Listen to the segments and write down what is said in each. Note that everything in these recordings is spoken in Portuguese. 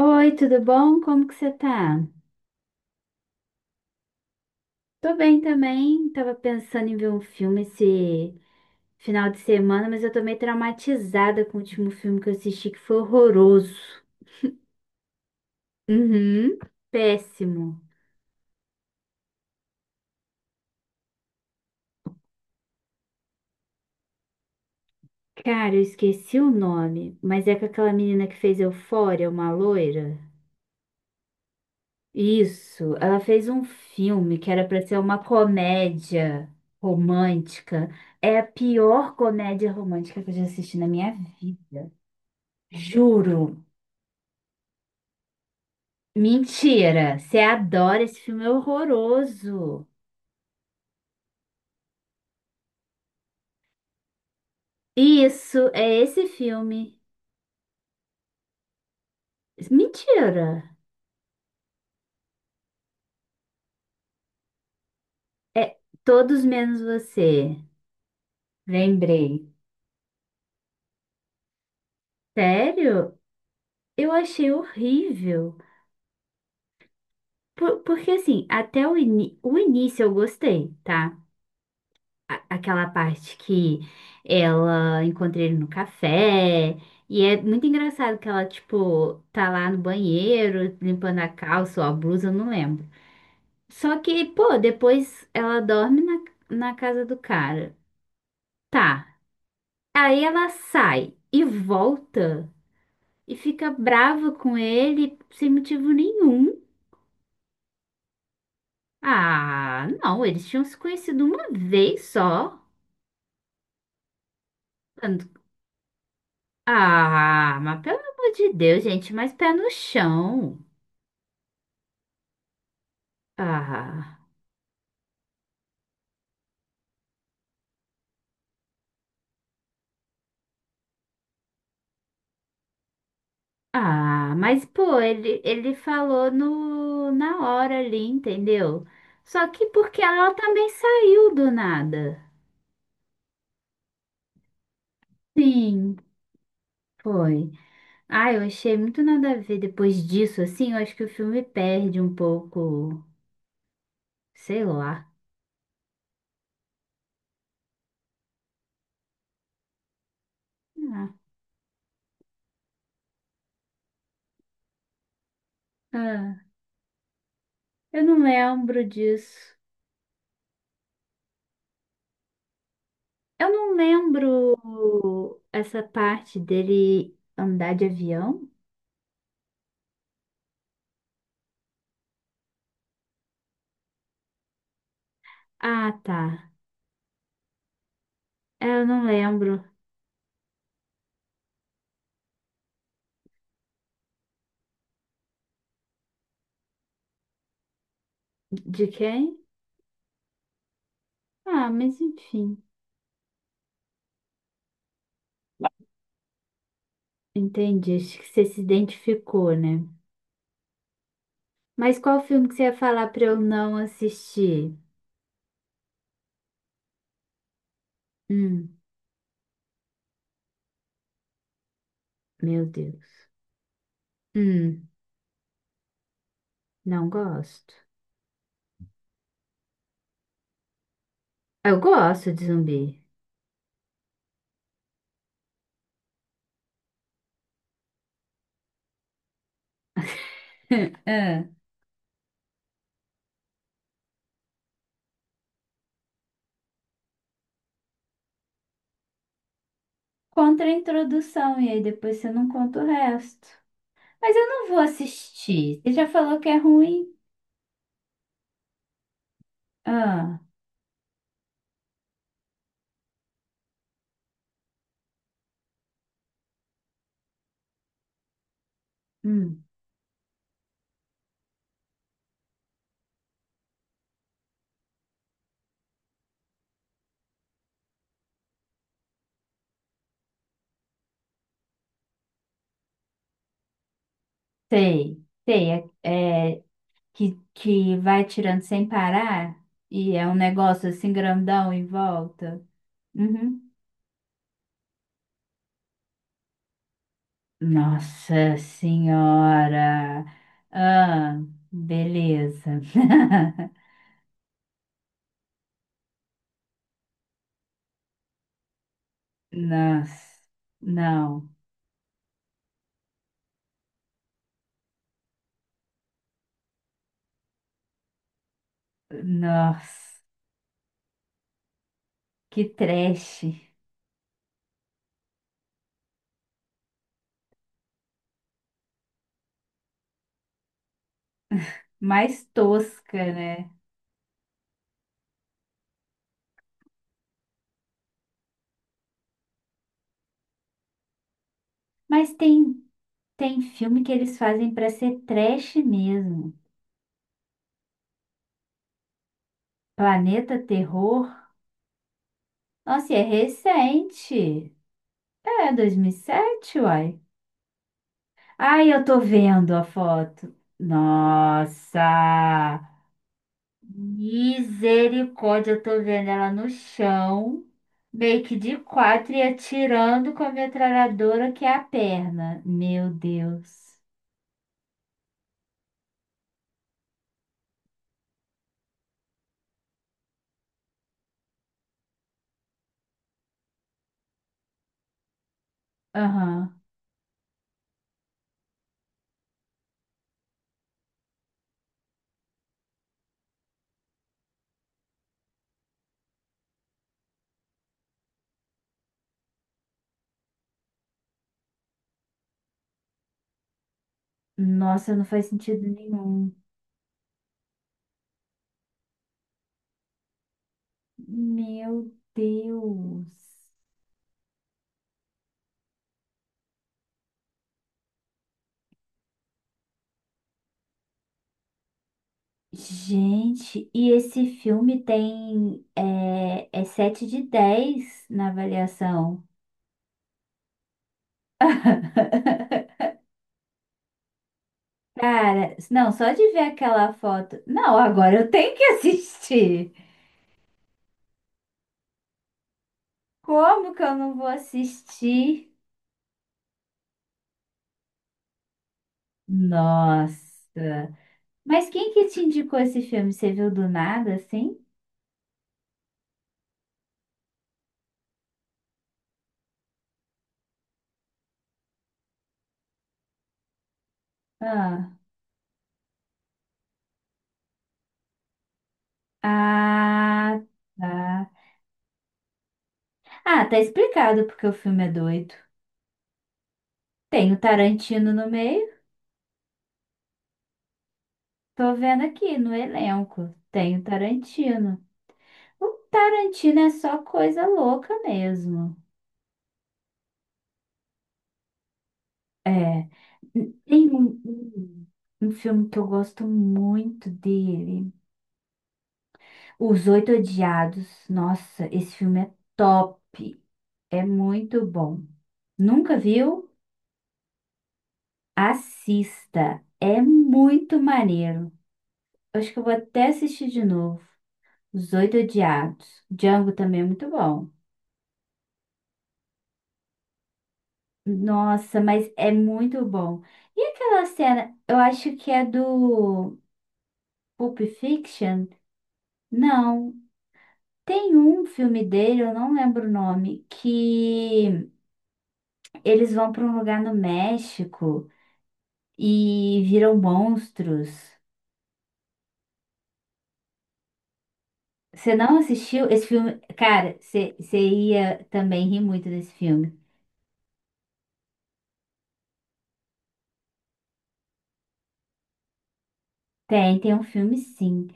Oi, tudo bom? Como que você tá? Tô bem também. Tava pensando em ver um filme esse final de semana, mas eu tô meio traumatizada com o último filme que eu assisti, que foi horroroso. Uhum, péssimo. Cara, eu esqueci o nome, mas é com aquela menina que fez Eufória, uma loira. Isso, ela fez um filme que era pra ser uma comédia romântica. É a pior comédia romântica que eu já assisti na minha vida. Juro. Mentira, você adora esse filme, é horroroso. Isso, é esse filme. Mentira. É Todos Menos Você. Lembrei. Sério? Eu achei horrível. Porque assim, até o início eu gostei, tá? Aquela parte que ela encontra ele no café. E é muito engraçado que ela, tipo, tá lá no banheiro, limpando a calça ou a blusa, eu não lembro. Só que, pô, depois ela dorme na casa do cara. Tá. Aí ela sai e volta e fica brava com ele sem motivo nenhum. Ah, não, eles tinham se conhecido uma vez só. Ah, mas pelo amor de Deus, gente, mais pé no chão. Ah, ah, mas pô, ele falou no, na hora ali, entendeu? Só que porque ela também saiu do nada. Sim, foi. Ah, eu achei muito nada a ver depois disso, assim, eu acho que o filme perde um pouco, sei lá. Ah, ah, eu não lembro disso. Eu não lembro essa parte dele andar de avião. Ah, tá. É, eu não lembro de quem. Ah, mas enfim, entendi. Acho que você se identificou, né? Mas qual filme que você ia falar pra eu não assistir? Hum, meu Deus. Hum. Não gosto. Eu gosto de zumbi. Ah, contra a introdução, e aí depois você não conta o resto. Mas eu não vou assistir. Você já falou que é ruim? Ah, hum, sei, sei. É que vai tirando sem parar e é um negócio assim grandão em volta. Uhum. Nossa Senhora! Ah, beleza. Nossa, não. Nossa, que trash. Mais tosca, né? Mas tem filme que eles fazem pra ser trash mesmo. Planeta Terror. Nossa, e é recente. É, 2007, uai. Ai, eu tô vendo a foto. Nossa! Misericórdia, eu tô vendo ela no chão, meio que de quatro e atirando com a metralhadora que é a perna. Meu Deus. Aham. Nossa, não faz sentido nenhum. Meu Deus. Gente, e esse filme tem é 7 de 10 na avaliação. Cara, não, só de ver aquela foto. Não, agora eu tenho que assistir. Como que eu não vou assistir? Nossa. Mas quem que te indicou esse filme? Você viu do nada, assim? Ah, ah, tá. Ah, tá explicado porque o filme é doido. Tem o Tarantino no meio. Tô vendo aqui no elenco. Tem o Tarantino. O Tarantino é só coisa louca mesmo. É. Tem um um filme que eu gosto muito dele. Os Oito Odiados. Nossa, esse filme é top. É muito bom. Nunca viu? Assista. É muito maneiro. Acho que eu vou até assistir de novo. Os Oito Odiados. Django também é muito bom. Nossa, mas é muito bom. E aquela cena, eu acho que é do Pulp Fiction? Não. Tem um filme dele, eu não lembro o nome, que eles vão para um lugar no México e viram monstros. Você não assistiu esse filme? Cara, você ia também rir muito desse filme. Tem um filme sim.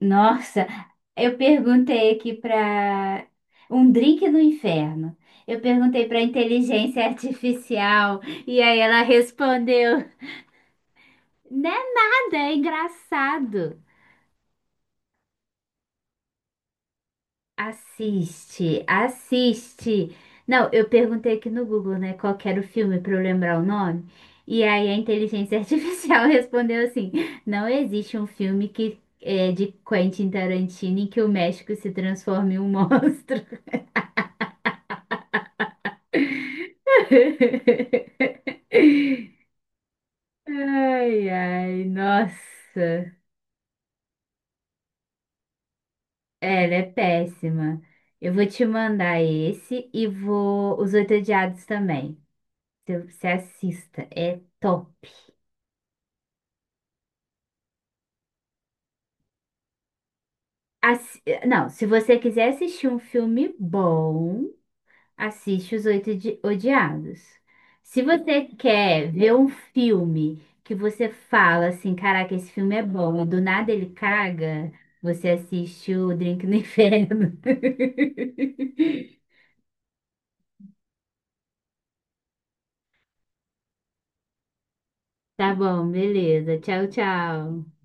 Nossa. Eu perguntei aqui para um drink do inferno. Eu perguntei para inteligência artificial e aí ela respondeu: "Não é nada, é engraçado. Assiste, assiste." Não, eu perguntei aqui no Google, né, qual que era o filme para eu lembrar o nome. E aí a inteligência artificial respondeu assim: "Não existe um filme que é de Quentin Tarantino em que o México se transforme em um monstro." Ai, ai, nossa. É, ela é péssima. Eu vou te mandar esse e vou os Oito Odiados também. Se você assista, é top. Assi- Não, se você quiser assistir um filme bom, assiste Os Oito Odiados. Se você quer ver um filme que você fala assim, caraca, esse filme é bom, e do nada ele caga, você assiste o Drink no Inferno. Tá bom, beleza. Tchau, tchau.